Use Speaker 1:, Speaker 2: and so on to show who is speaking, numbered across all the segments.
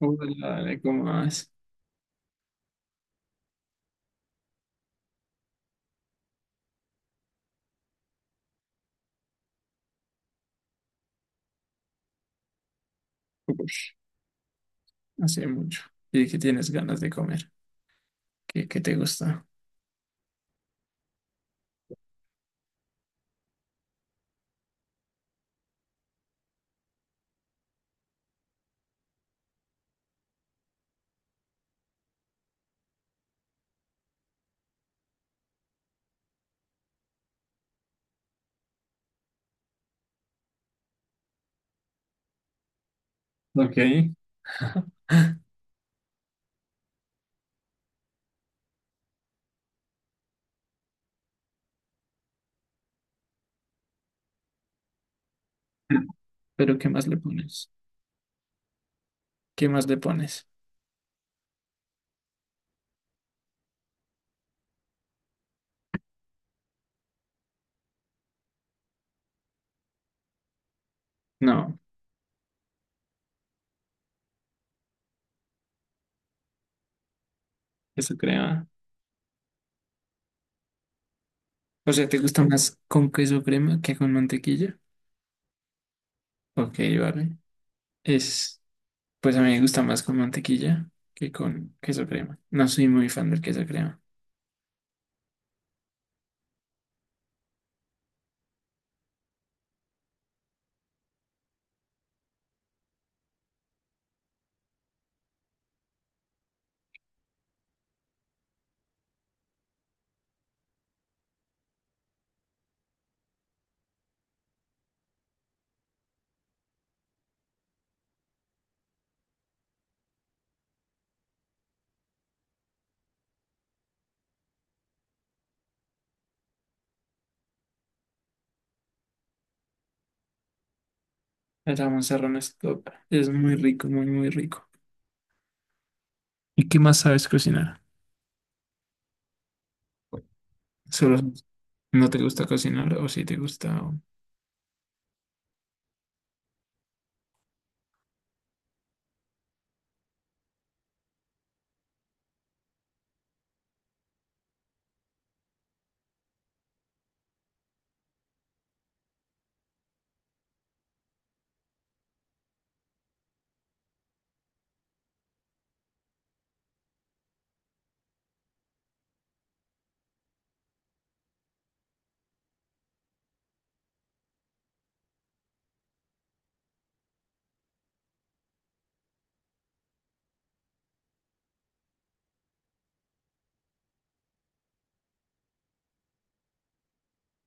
Speaker 1: Uy, dale, comas. Uy, hace mucho. Y que tienes ganas de comer. ¿Qué te gusta? Ok. Pero ¿qué más le pones? ¿Qué más le pones? No, queso crema. O sea, ¿te gusta más con queso crema que con mantequilla? Ok, vale. Es, pues a mí me gusta más con mantequilla que con queso crema. No soy muy fan del queso crema. El jamón serrano es top. Es muy rico, muy, muy rico. ¿Y qué más sabes cocinar? Solo. ¿No te gusta cocinar o sí te gusta? O-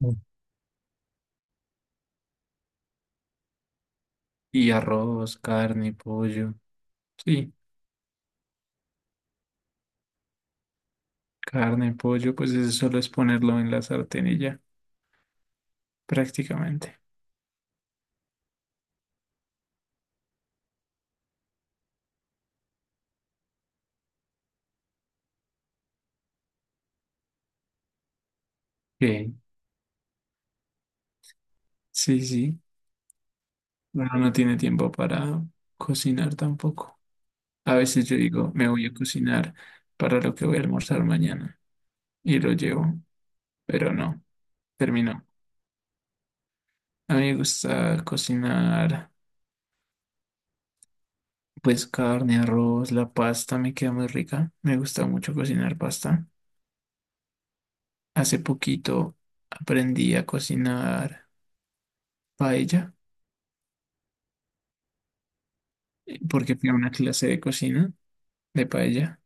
Speaker 1: mm. Y arroz, carne, pollo. Sí, carne, pollo, pues eso solo es ponerlo en la sartén y ya, prácticamente. Ok. Sí, sí. Uno no tiene tiempo para cocinar tampoco. A veces yo digo, me voy a cocinar para lo que voy a almorzar mañana y lo llevo, pero no, terminó. A mí me gusta cocinar, pues carne, arroz, la pasta me queda muy rica. Me gusta mucho cocinar pasta. Hace poquito aprendí a cocinar paella, porque fui a una clase de cocina de paella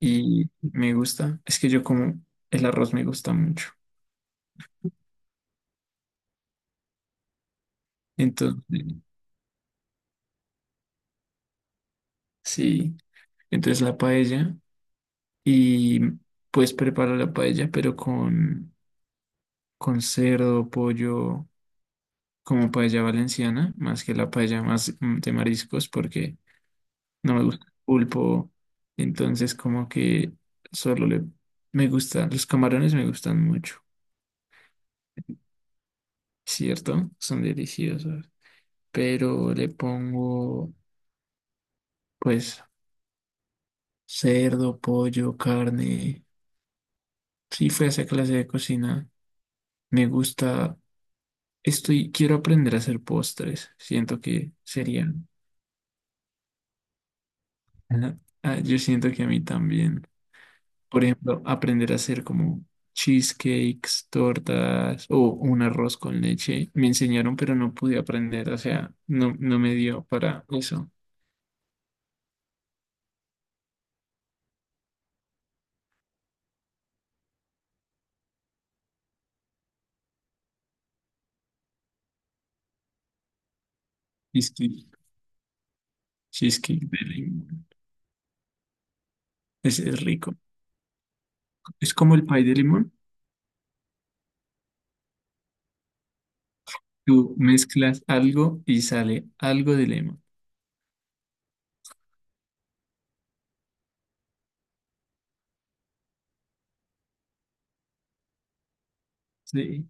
Speaker 1: y me gusta. Es que yo como el arroz me gusta mucho. Entonces, sí, entonces la paella y pues preparo la paella pero con cerdo, pollo, como paella valenciana, más que la paella más de mariscos porque no me gusta el pulpo, entonces como que solo le... Me gusta los camarones me gustan mucho, ¿cierto? Son deliciosos, pero le pongo pues cerdo, pollo, carne. Sí, fue esa clase de cocina. Me gusta, estoy, quiero aprender a hacer postres, siento que sería... Ajá. Ah, yo siento que a mí también. Por ejemplo, aprender a hacer como cheesecakes, tortas o un arroz con leche. Me enseñaron, pero no pude aprender. O sea, no me dio para eso. Cheesecake, cheesecake de limón. Es rico. Es como el pie de limón. Tú mezclas algo y sale algo de limón. Sí,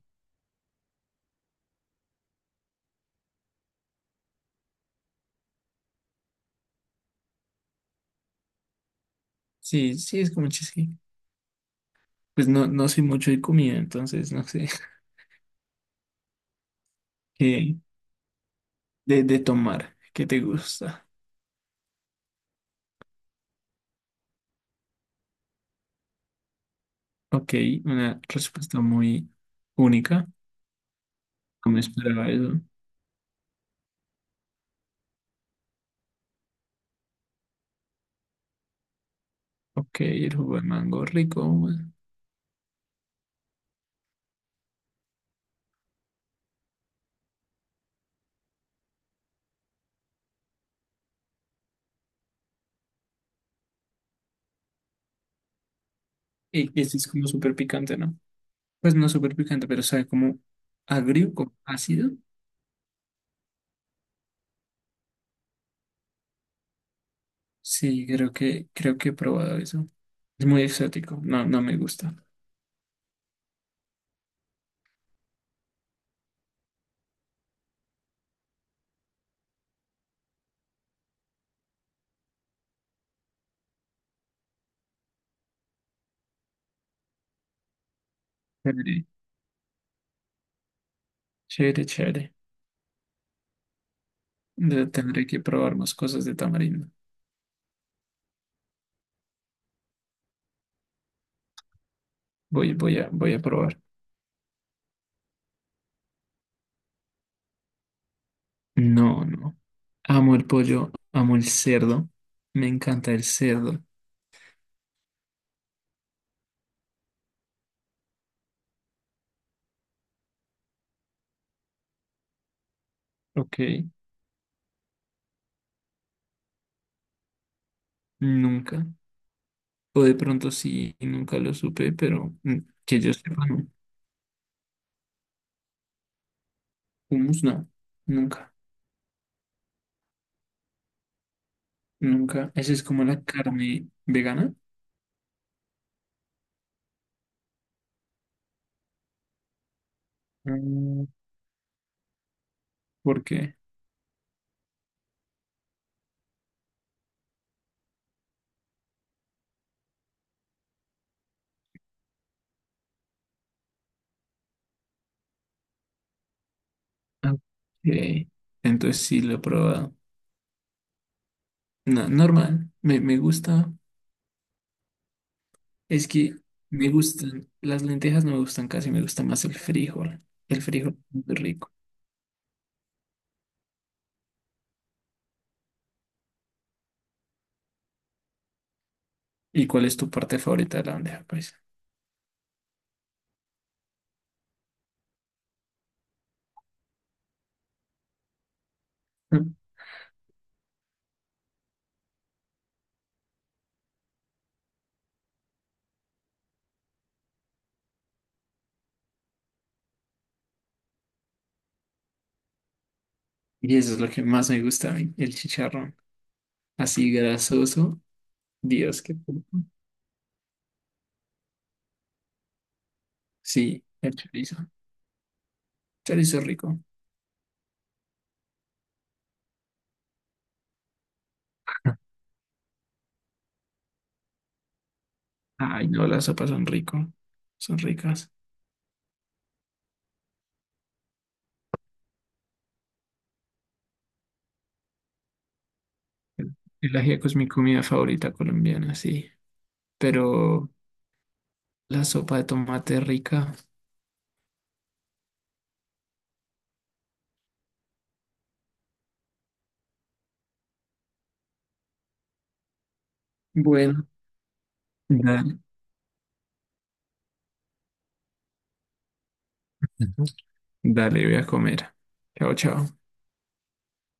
Speaker 1: sí, sí, es como cheesecake. Pues no, no soy mucho de comida, entonces no sé. ¿Qué de tomar? ¿Qué te gusta? Ok, una respuesta muy única. No me esperaba eso. Ok, el jugo de mango rico. Bueno. Y este es como súper picante, ¿no? Pues no súper picante, pero sabe como agrio, como ácido. Sí, creo que he probado eso. Es muy exótico. No, no me gusta. Chévere, chévere, chévere. De- tendré que probar más cosas de tamarindo. Voy a probar. No, no. Amo el pollo, amo el cerdo. Me encanta el cerdo. Ok, nunca. O de pronto sí, y nunca lo supe, pero que yo sepa, no. Hummus no, nunca, nunca. Esa es como la carne vegana. Mm, ¿por qué? Ah, ok. Entonces sí lo he probado. No, normal, me gusta. Es que me gustan, las lentejas no me gustan casi, me gusta más el frijol. El frijol es muy rico. ¿Y cuál es tu parte favorita de la bandeja paisa? Mm. Y eso es lo que más me gusta a mí, el chicharrón. Así grasoso, Dios, qué rico. Sí, el chorizo. Chorizo rico. Ay, no, las sopas son rico. Son ricas. El, el ajiaco es mi comida favorita colombiana, sí. Pero la sopa de tomate es rica. Bueno, dale, dale, voy a comer. Chao, chao.